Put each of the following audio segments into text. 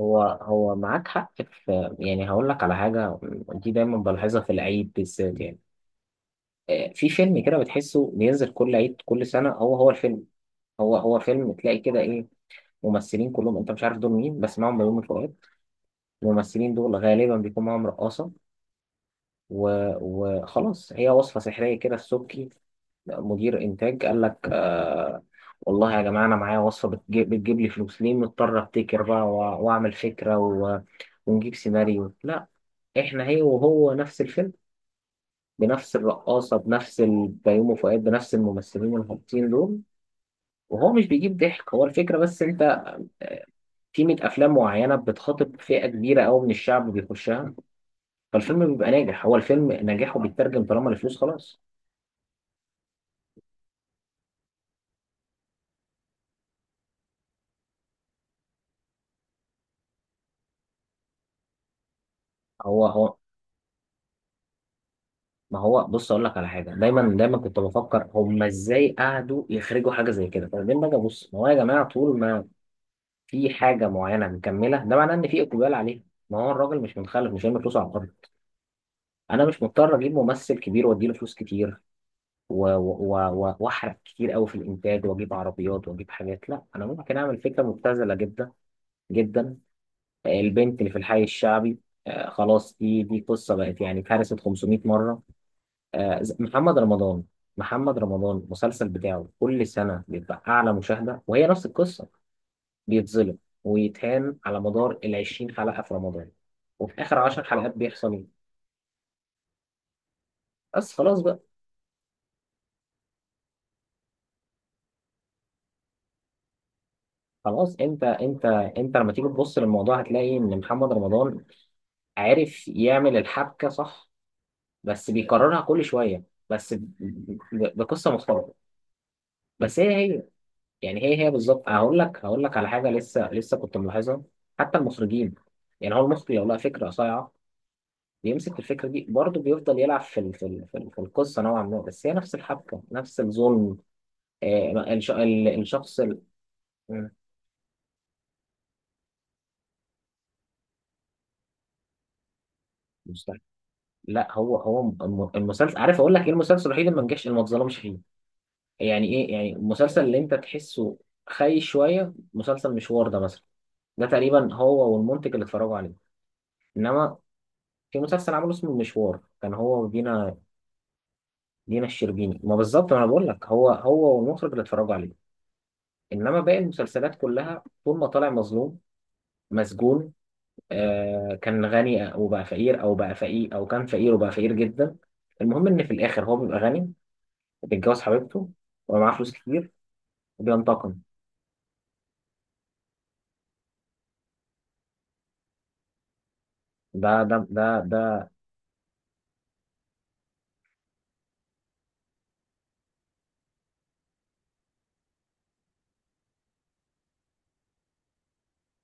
هو معاك حق في، يعني هقول لك على حاجة. دي دايما بلاحظها في العيد بالذات، يعني في فيلم كده بتحسه بينزل كل عيد، كل سنة هو الفيلم. هو فيلم، تلاقي كده إيه؟ ممثلين كلهم أنت مش عارف دول مين، بس معاهم بيومي فؤاد. الممثلين دول غالبا بيكون معاهم رقاصة وخلاص، هي وصفة سحرية كده. السبكي مدير إنتاج قال لك آه والله يا جماعة، أنا معايا وصفة بتجيب لي فلوس، ليه مضطر أبتكر بقى وأعمل فكرة ونجيب سيناريو؟ لا، احنا هي وهو نفس الفيلم. بنفس الرقاصه، بنفس بيومي فؤاد، بنفس الممثلين الهابطين دول. وهو مش بيجيب ضحك، هو الفكره بس. انت آه، في 100 افلام معينه بتخاطب فئه كبيره قوي من الشعب بيخشها. فالفيلم بيبقى ناجح، هو الفيلم نجاحه بيترجم طالما الفلوس. خلاص هو. ما هو بص، اقول لك على حاجه. دايما دايما كنت بفكر هم ازاي قعدوا يخرجوا حاجه زي كده، فبعدين باجي ابص، ما هو يا جماعه طول ما في حاجه معينه مكمله، ده معناه ان في اقبال عليها. ما هو الراجل مش متخلف، مش هيعمل فلوس على الأرض. انا مش مضطر اجيب ممثل كبير واديله فلوس كتير واحرق كتير قوي في الانتاج، واجيب عربيات واجيب حاجات. لا، انا ممكن اعمل فكره مبتذله جدا جدا. البنت اللي في الحي الشعبي. خلاص دي قصه بقت يعني اتهرست 500 مره. محمد رمضان. محمد رمضان المسلسل بتاعه كل سنه بيبقى اعلى مشاهده، وهي نفس القصه. بيتظلم ويتهان على مدار ال 20 حلقه في رمضان، وفي اخر 10 حلقات بيحصل ايه؟ بس خلاص بقى. خلاص. انت انت لما تيجي تبص للموضوع هتلاقي ان محمد رمضان عارف يعمل الحبكه صح، بس بيكررها كل شويه، بس ب- بقصه مختلفه. بس هي. يعني هي بالظبط. هقول لك على حاجه لسه لسه كنت ملاحظها. حتى المخرجين، يعني هو المخرج لو لقى فكره صايعه بيمسك الفكره دي برضه، بيفضل يلعب في القصه نوعا ما، بس هي نفس الحبكه، نفس الظلم. الشخص مم، لا، هو المسلسل. عارف اقول لك ايه المسلسل الوحيد اللي ما نجحش، اللي ما اتظلمش فيه؟ يعني ايه يعني؟ المسلسل اللي انت تحسه خايش شويه. مسلسل مشوار ده مثلا، ده تقريبا هو والمنتج اللي اتفرجوا عليه. انما في مسلسل عمله اسمه مشوار كان هو ودينا، دينا الشربيني. ما بالظبط، ما انا بقول لك هو والمخرج اللي اتفرجوا عليه. انما باقي المسلسلات كلها طول ما طالع مظلوم، مسجون، كان غني وبقى فقير، او بقى فقير، او كان فقير وبقى فقير جدا. المهم ان في الاخر هو بيبقى غني، بيتجوز حبيبته، ويبقى معاه فلوس كتير، وبينتقم. ده.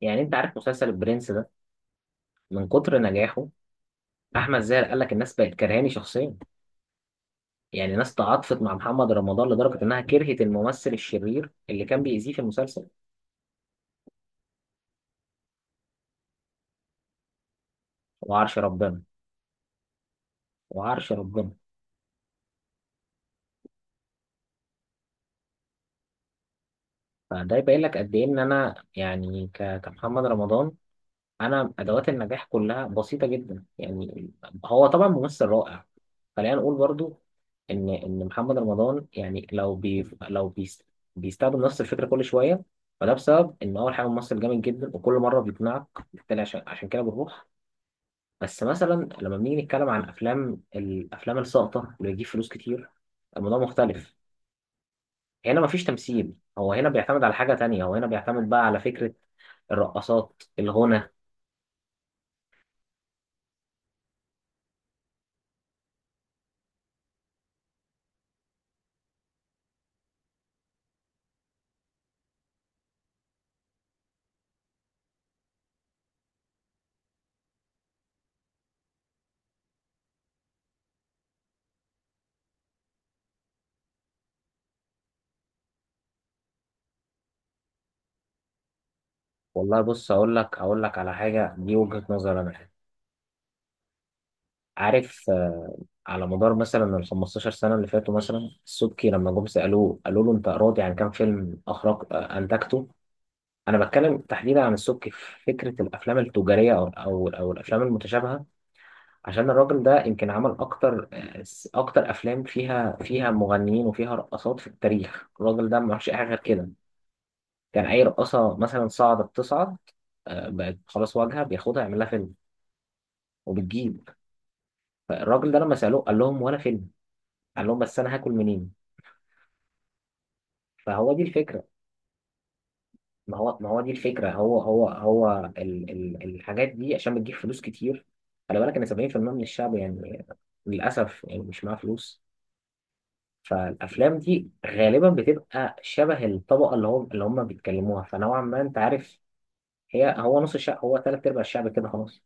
يعني انت عارف مسلسل البرنس ده؟ من كتر نجاحه، احمد زاهر قال لك الناس بقت كرهاني شخصيا. يعني ناس تعاطفت مع محمد رمضان لدرجه انها كرهت الممثل الشرير اللي كان بيأذيه في المسلسل. وعرش ربنا، وعرش ربنا. فده يبين لك قد ايه. ان انا يعني كمحمد رمضان، انا ادوات النجاح كلها بسيطه جدا يعني. هو طبعا ممثل رائع، خلينا نقول برضو ان محمد رمضان يعني لو بيستخدم نفس الفكره كل شويه. فده بسبب ان اول حاجه ممثل جامد جدا، وكل مره بيقنعك. بالتالي عشان كده بنروح. بس مثلا لما بنيجي نتكلم عن الافلام الساقطه اللي بتجيب فلوس كتير، الموضوع مختلف. هنا مفيش تمثيل، هو هنا بيعتمد على حاجه تانية. هو هنا بيعتمد بقى على فكره، الرقصات، الغنى. والله بص، اقول لك على حاجه، دي وجهه نظر انا يعني. عارف، على مدار مثلا ال 15 سنه اللي فاتوا مثلا، السبكي لما جم سالوه قالوا له انت راضي عن كام فيلم اخرج آه، انتجته؟ انا بتكلم تحديدا عن السبكي في فكره الافلام التجاريه او الافلام المتشابهه. عشان الراجل ده يمكن عمل اكتر افلام فيها مغنيين وفيها رقصات في التاريخ. الراجل ده ما عملش اي حاجه غير كده. كان اي رقصه مثلا تصعد، بقت خلاص واجهه، بياخدها يعمل لها فيلم، وبتجيب. فالراجل ده لما سألوه قال لهم ولا فيلم، قال لهم بس انا هاكل منين؟ فهو دي الفكرة. ما هو دي الفكرة، هو ال الحاجات دي عشان بتجيب فلوس كتير. خلي بالك ان 70% من الشعب يعني، للأسف يعني، مش معاه فلوس. فالأفلام دي غالبا بتبقى شبه الطبقة اللي هم بيتكلموها، فنوعا ما انت عارف. هو نص الشعب، هو تلات أرباع الشعب كده خلاص.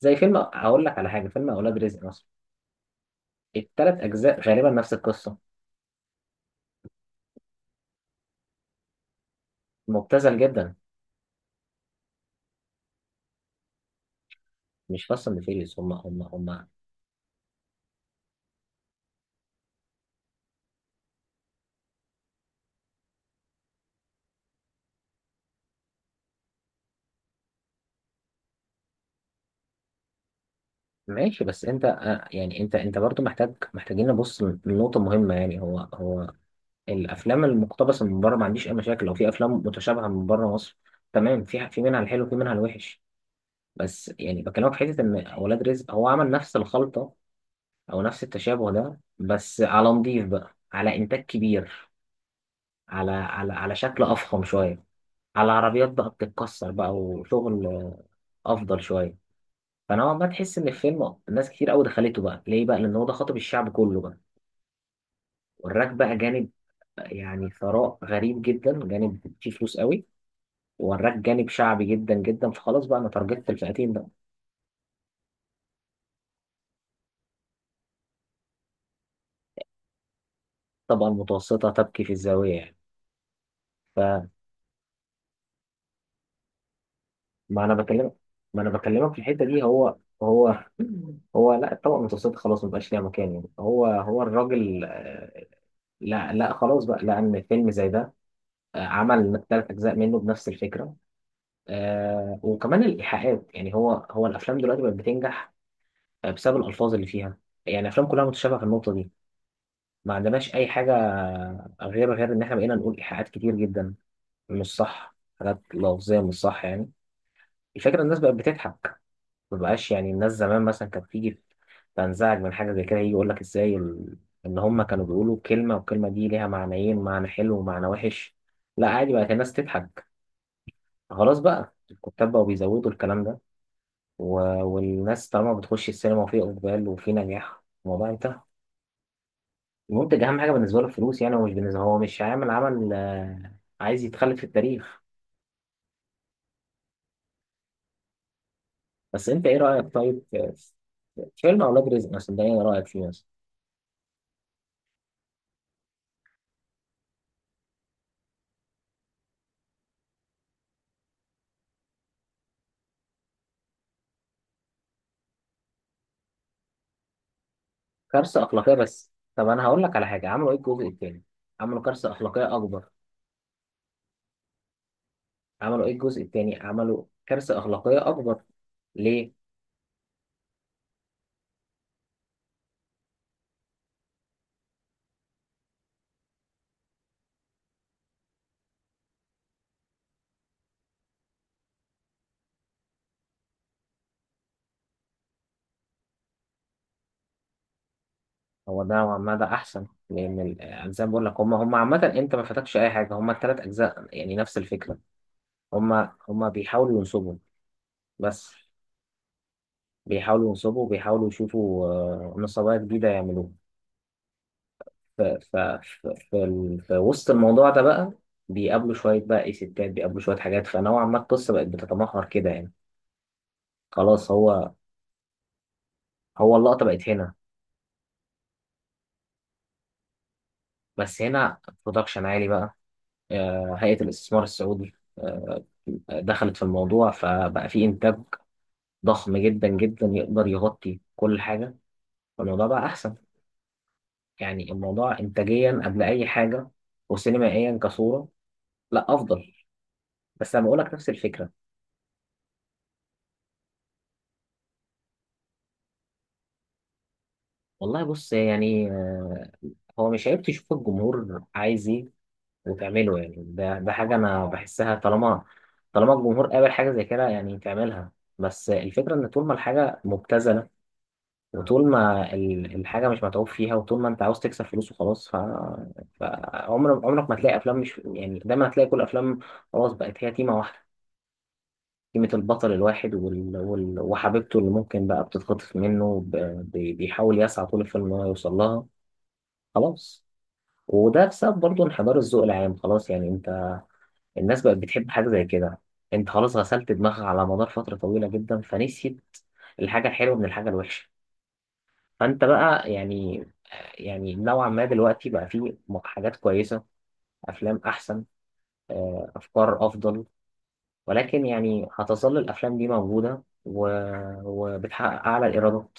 زي فيلم، أقول لك على حاجة، فيلم أولاد رزق مثلا، التلات أجزاء غالبا نفس القصة. مبتذل جدا. مش فاصل فيريس. هم. ماشي. بس انت يعني انت برضو محتاجين نبص لنقطة مهمة، يعني هو الافلام المقتبسة من بره ما عنديش اي مشاكل، لو في افلام متشابهة من بره مصر، تمام. في منها الحلو، في منها الوحش. بس يعني بكلمك في حتة ان اولاد رزق هو عمل نفس الخلطة، او نفس التشابه ده، بس على نضيف بقى، على انتاج كبير، على شكل افخم شوية، على عربيات بقى بتتكسر بقى وشغل افضل شوية. فنوعا ما تحس ان الفيلم ناس كتير قوي دخلته بقى، ليه بقى؟ لان هو ده خاطب الشعب كله بقى. وراك بقى جانب، يعني ثراء غريب جدا، جانب فيه فلوس قوي. وراك جانب شعبي جدا جدا. فخلاص بقى انا تارجتت الفئتين بقى. الطبقه المتوسطه تبكي في الزاويه يعني. فما انا بكلمك، ما انا بكلمك في الحته دي. هو هو هو. لا، الطبقه المتوسطه خلاص ما بقاش ليها مكان يعني. هو الراجل، لا لا خلاص بقى، لان فيلم زي ده عمل ثلاث اجزاء منه بنفس الفكره. وكمان الايحاءات. يعني هو الافلام دلوقتي بقت بتنجح بسبب الألفاظ اللي فيها. يعني الأفلام كلها متشابهة في النقطة دي، ما عندناش أي حاجة غير إن إحنا بقينا نقول إيحاءات كتير جدا، مش صح، حاجات لفظية، مش صح يعني. الفكرة الناس بقت بتضحك. ما بقاش، يعني الناس زمان مثلا كانت تيجي تنزعج من حاجة زي كده، يجي يقول لك إزاي إن هما كانوا بيقولوا كلمة، والكلمة دي ليها معنيين، معنى حلو ومعنى وحش. لا، عادي بقت الناس تضحك، خلاص بقى الكتاب بقوا بيزودوا الكلام ده و... والناس طالما بتخش السينما وفي إقبال وفي نجاح، الموضوع انتهى. المنتج اهم حاجه بالنسبه له الفلوس يعني، هو مش بالنسبه، هو مش هيعمل عمل عايز يتخلد في التاريخ. بس انت ايه رايك طيب في فيلم اولاد رزق مثلا ده، ايه رايك فيه مثلا؟ كارثه اخلاقيه. بس طب انا هقول لك على حاجه، عملوا ايه الجزء الثاني؟ عملوا كارثه اخلاقيه اكبر. عملوا ايه الجزء الثاني؟ عملوا كارثه اخلاقيه اكبر. ليه؟ هو ده نوعاً ما ده احسن، لان زي ما بقول لك هم عامه انت ما فاتكش اي حاجه، هم الثلاث اجزاء يعني نفس الفكره. هم هم بيحاولوا ينصبوا، بس بيحاولوا ينصبوا وبيحاولوا يشوفوا نصابات جديدة يعملوها. في وسط الموضوع ده بقى، بيقابلوا شوية بقى إيه ستات، بيقابلوا شوية حاجات، فنوعا ما القصة بقت بتتمحور كده يعني. خلاص هو اللقطة بقت هنا. بس هنا برودكشن عالي بقى، هيئة الاستثمار السعودي دخلت في الموضوع، فبقى في إنتاج ضخم جدا جدا يقدر يغطي كل حاجة. فالموضوع بقى أحسن، يعني الموضوع إنتاجيا قبل أي حاجة، وسينمائيا كصورة، لا أفضل. بس انا بقول لك نفس الفكره. والله بص، يعني هو مش عيب تشوف الجمهور عايز ايه وتعمله يعني. ده حاجه انا بحسها، طالما طالما الجمهور قابل حاجه زي كده يعني تعملها. بس الفكره ان طول ما الحاجه مبتذله، وطول ما الحاجه مش متعوب فيها، وطول ما انت عاوز تكسب فلوس وخلاص. فعمرك ما تلاقي افلام، مش يعني، دايما هتلاقي كل افلام خلاص بقت هي تيمه واحده. قيمة البطل الواحد وحبيبته اللي ممكن بقى بتتخطف منه، بيحاول يسعى طول الفيلم إن هو يوصل لها. خلاص. وده بسبب برضه انحدار الذوق العام. خلاص يعني، أنت الناس بقت بتحب حاجة زي كده، أنت خلاص غسلت دماغها على مدار فترة طويلة جدا فنسيت الحاجة الحلوة من الحاجة الوحشة. فأنت بقى يعني، يعني نوعا ما دلوقتي بقى فيه حاجات كويسة، أفلام أحسن، أفكار أفضل. ولكن يعني هتظل الأفلام دي موجودة وبتحقق أعلى الإيرادات.